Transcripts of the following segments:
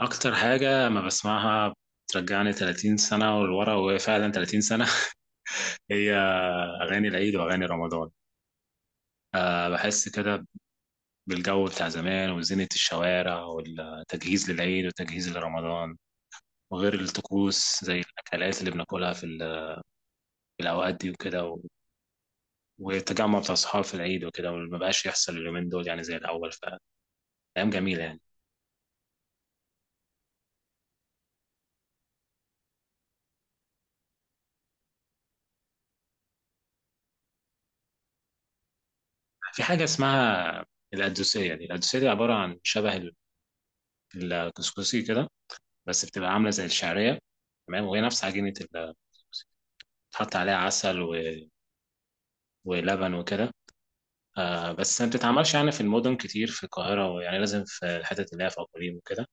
أكتر حاجة ما بسمعها بترجعني 30 سنة ولورا، وهي فعلا 30 سنة هي أغاني العيد وأغاني رمضان. أه بحس كده بالجو بتاع زمان وزينة الشوارع والتجهيز للعيد والتجهيز لرمضان، وغير الطقوس زي الأكلات اللي بناكلها في الأوقات دي وكده، والتجمع بتاع الصحاب في العيد وكده، وما بقاش يحصل اليومين دول يعني زي الأول، فأيام جميلة يعني. في حاجة اسمها القدوسية، دي عبارة عن شبه الكسكسي كده، بس بتبقى عامله زي الشعريه، تمام، وهي نفس عجينه بتحط عليها عسل ولبن وكده. آه بس ما بتتعملش يعني في المدن كتير في القاهره، ويعني لازم في الحتت اللي هي في اقاليم وكده.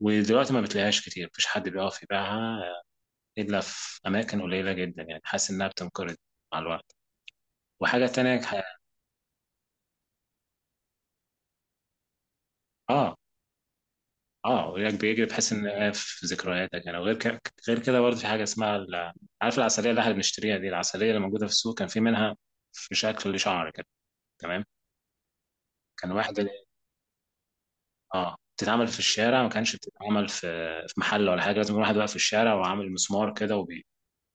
ودلوقتي ما بتلاقيهاش كتير، مفيش حد بيقف يبيعها الا في اماكن قليله جدا، يعني حاسس انها بتنقرض مع الوقت. وحاجه تانية اه اه، وياك بيجري بحيث ان هي في ذكرياتك يعني. وغير كده، غير كده برضه في حاجه اسمها عارف العسليه اللي احنا بنشتريها دي، العسليه اللي موجوده في السوق كان في منها في شكل شعر كده، تمام، كان واحدة اه بتتعمل في الشارع، ما كانش بتتعمل في في محل ولا حاجة، لازم يكون واحد واقف في الشارع وعامل مسمار كده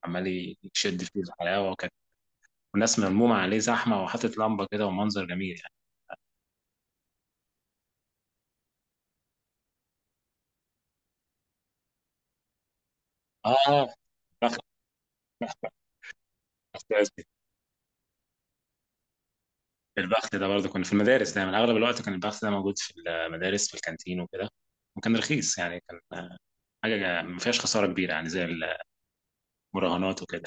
وعمال يشد فيه الحلاوة، وكان والناس ملمومة عليه زحمة وحاطط لمبة كده ومنظر جميل يعني. اه البخت، البخت ده برضه كنا في المدارس دايما اغلب الوقت كان البخت ده موجود في المدارس في الكانتين وكده، وكان رخيص يعني، كان حاجة ما فيهاش خسارة كبيرة، يعني زي المراهنات وكده.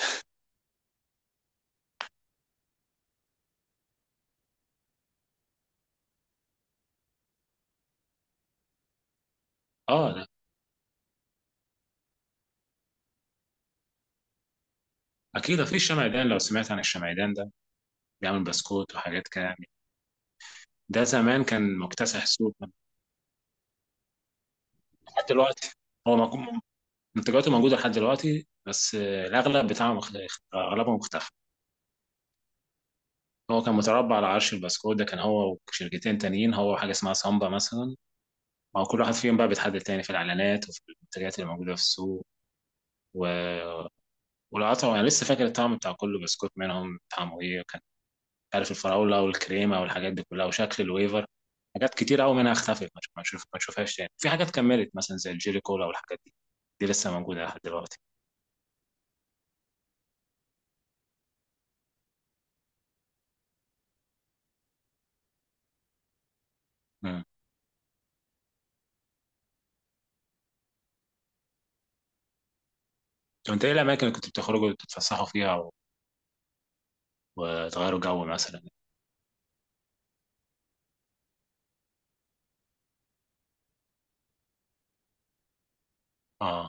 اه لا، اكيد في الشمعدان، لو سمعت عن الشمعدان ده بيعمل بسكوت وحاجات كده يعني. ده زمان كان مكتسح السوق لحد دلوقتي. هو منتجاته موجودة لحد دلوقتي، بس الأغلب بتاعه أغلبه مختفى. هو كان متربع على عرش البسكوت ده، كان هو وشركتين تانيين، هو حاجة اسمها سامبا مثلا. ما هو كل واحد فيهم بقى بيتحدد تاني في الإعلانات وفي المنتجات اللي موجودة في السوق و... والقطع، أنا لسه فاكر الطعم بتاع كل بسكوت منهم طعمه إيه، عارف الفراوله والكريمه والحاجات دي كلها وشكل الويفر. حاجات كتير قوي منها اختفت، ما شوفهاش تاني. في حاجات كملت مثلا زي الجيلي كولا والحاجات دي، دي لسه موجوده لحد دلوقتي. امم، طب انت ايه الاماكن اللي كنت بتخرجوا تتفسحوا فيها وتغيروا جو مثلا؟ اه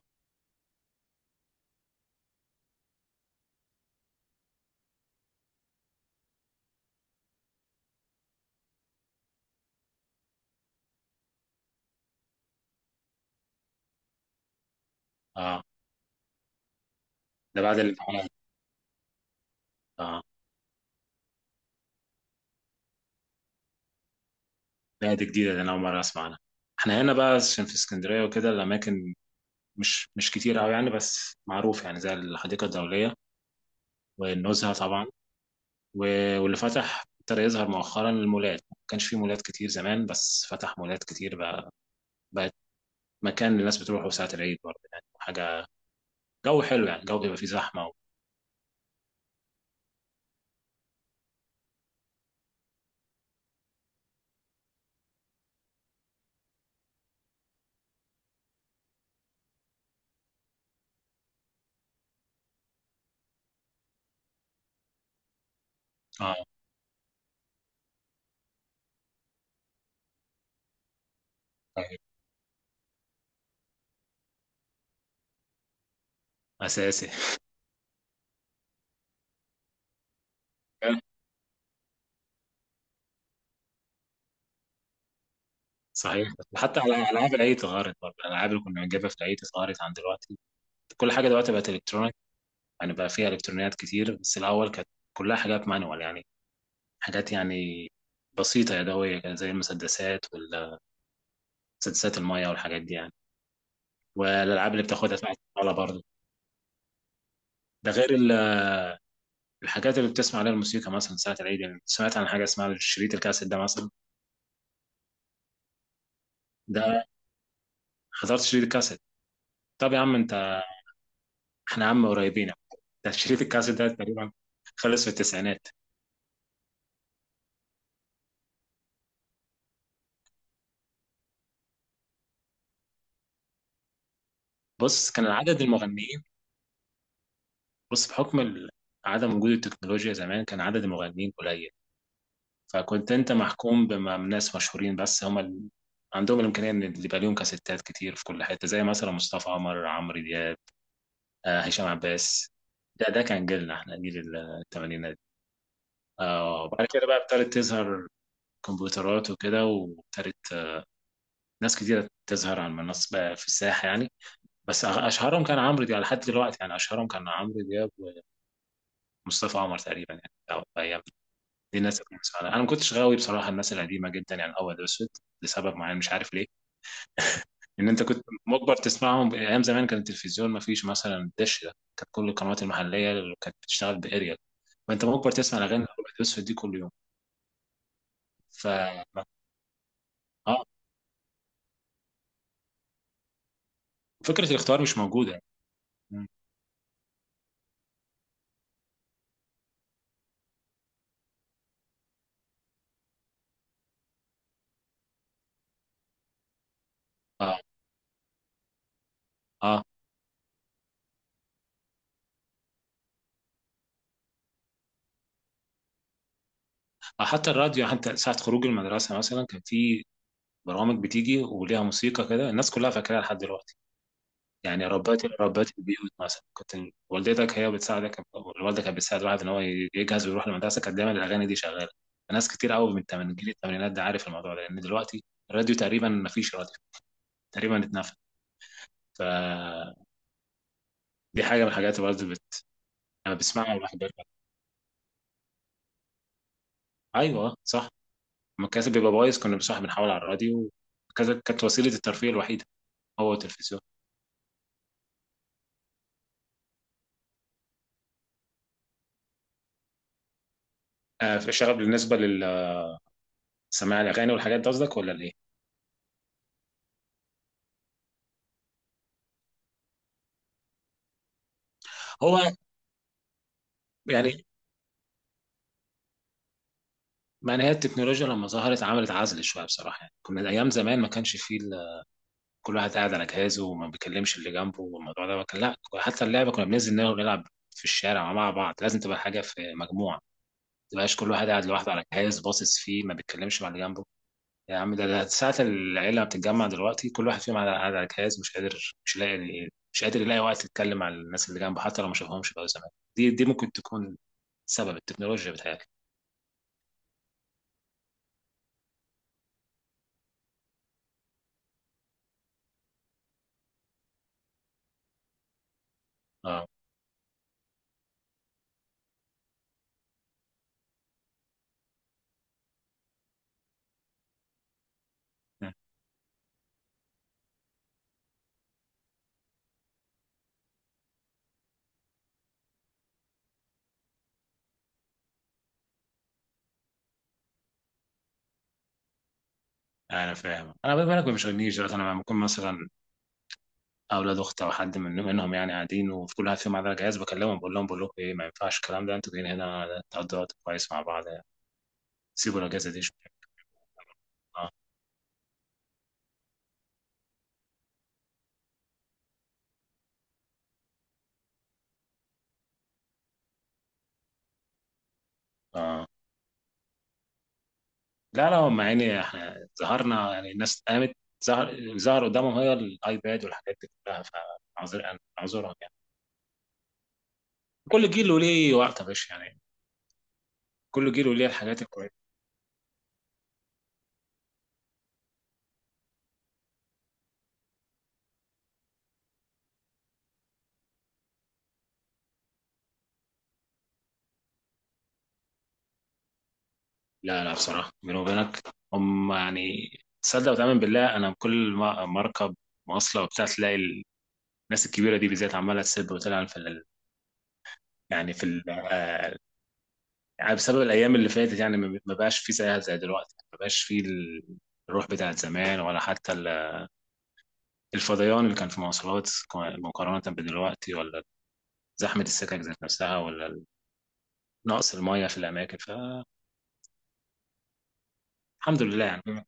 اه، ده بعد الامتحانات. اه لا، دي جديده، ده انا اول مره اسمع عنها. احنا هنا بقى عشان في اسكندريه وكده، الاماكن مش كتير قوي يعني، بس معروف يعني زي الحديقه الدوليه والنزهه طبعا، واللي فتح ابتدى يظهر مؤخرا المولات، ما كانش في مولات كتير زمان بس فتح مولات كتير بقى، بقت مكان الناس بتروحه ساعة العيد برضه، يعني حاجة جو حلو يعني، جو بيبقى فيه زحمة اه صحيح. أساسي. صحيح، حتى على ألعاب العيد اتغيرت برضه، الألعاب اللي كنا بنجيبها في العيد اتغيرت عن دلوقتي. كل حاجة دلوقتي بقت إلكترونيك، يعني بقى فيها إلكترونيات كتير، بس الأول كانت كلها حاجات مانوال يعني، حاجات يعني بسيطة يدوية كده زي المسدسات والمسدسات المية والحاجات دي يعني، والألعاب اللي بتاخدها تحت الطاولة برضه. ده غير الحاجات اللي بتسمع عليها الموسيقى مثلا ساعة العيد، يعني سمعت عن حاجة اسمها شريط الكاسيت ده مثلا؟ ده حضرت شريط الكاسيت؟ طب يا عم انت، احنا عم قريبين. ده شريط الكاسيت ده تقريبا خلص في التسعينات. بص كان عدد المغنيين، بص بحكم عدم وجود التكنولوجيا زمان كان عدد المغنيين قليل، فكنت انت محكوم بناس مشهورين بس، هم عندهم الامكانيه ان اللي يبقى ليهم كاسيتات كتير في كل حته، زي مثلا مصطفى عمر، عمرو دياب، هشام عباس. ده كان جيلنا، احنا جيل الثمانينات. وبعد كده بقى ابتدت تظهر كمبيوترات وكده، وابتدت ناس كتيرة تظهر على المنصة بقى، في الساحة يعني. بس أشهرهم كان عمرو دياب لحد دلوقتي، يعني أشهرهم كان عمرو دياب ومصطفى عمر تقريبا يعني أو أيام. دي الناس اللي كنت بسمعها. أنا ما كنتش غاوي بصراحة الناس القديمة جدا يعني أبيض وأسود، لسبب معين مش عارف ليه. إن أنت كنت مجبر تسمعهم أيام زمان، كان التلفزيون ما فيش مثلا دش، ده كانت كل القنوات المحلية اللي كانت بتشتغل بأريال، فأنت مجبر تسمع الأغاني الأبيض وأسود دي كل يوم. ف آه فكرة الاختيار مش موجودة. مم. اه اه، حتى الراديو يعني، حتى ساعة خروج المدرسة مثلا كان في برامج بتيجي وليها موسيقى كده الناس كلها فاكراها لحد دلوقتي. يعني ربات البيوت مثلا، كنت والدتك هي بتساعدك، أو الوالدة كانت بتساعد الواحد ان هو يجهز ويروح المدرسة، كانت دايما الاغاني دي شغالة. ناس كتير قوي من جيل الثمانينات ده عارف الموضوع ده، لان دلوقتي الراديو تقريبا ما فيش راديو، تقريبا اتنفى. فدي حاجة من الحاجات اللي برضه لما بسمعها الواحد بيرجع، ايوه صح. لما الكاسيت بيبقى بايظ كنا بنصح بنحاول على الراديو. كانت وسيلة الترفيه الوحيدة، هو تلفزيون. في شغف بالنسبه للسماع الاغاني والحاجات دي قصدك ولا الايه؟ هو يعني ما هي التكنولوجيا لما ظهرت عملت عزل شويه بصراحه، يعني كنا ايام زمان ما كانش فيه كل واحد قاعد على جهازه وما بيكلمش اللي جنبه، والموضوع ده كان لا، حتى اللعبه كنا بننزل نلعب في الشارع مع بعض، لازم تبقى حاجه في مجموعه ما تبقاش كل واحد قاعد لوحده على جهاز باصص فيه ما بيتكلمش مع اللي جنبه. يا عم ده ساعة العيلة بتتجمع دلوقتي كل واحد فيهم على جهاز، مش قادر، مش لاقي يعني، مش قادر يلاقي وقت يتكلم مع الناس اللي جنبه حتى لو ما شافهمش بقى زمان. دي ممكن تكون سبب التكنولوجيا، بتهيألي. اه انا فاهم، انا بما انك ما بيشغلنيش دلوقتي، انا لما بكون مثلا اولاد اخت او حد منهم يعني قاعدين، وفي كل واحد فيهم على جهاز، بكلمهم بقول لهم، بقول لكم ايه، ما ينفعش الكلام ده، انتوا جايين هنا تقضوا وقت كويس مع بعض، سيبوا الاجازه دي شويه. اه اه. لا لا، هم يعني احنا ظهرنا يعني، الناس قامت، ظهر قدامهم هي الايباد والحاجات دي كلها، فاعذر اعذرهم يعني. كل جيل وليه وقته يا باشا يعني، كل جيل وليه الحاجات الكويسه. لا لا بصراحه بيني وبينك، هم يعني تصدق وتؤمن بالله، انا كل ما اركب مواصله وبتاع، تلاقي الناس الكبيره دي بالذات عماله تسب وتلعن في يعني في يعني بسبب الايام اللي فاتت، يعني ما بقاش في زيها زي دلوقتي، ما بقاش في الروح بتاعت زمان، ولا حتى ال الفضيان اللي كان في مواصلات مقارنة بدلوقتي، ولا زحمة السكك ذات نفسها، ولا نقص المية في الأماكن، فالحمد لله يعني.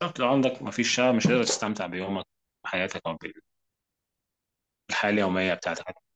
طب لو عندك مفيش شغف، مش هتقدر تستمتع بيومك وحياتك، أو بالحياة اليومية بتاعتك.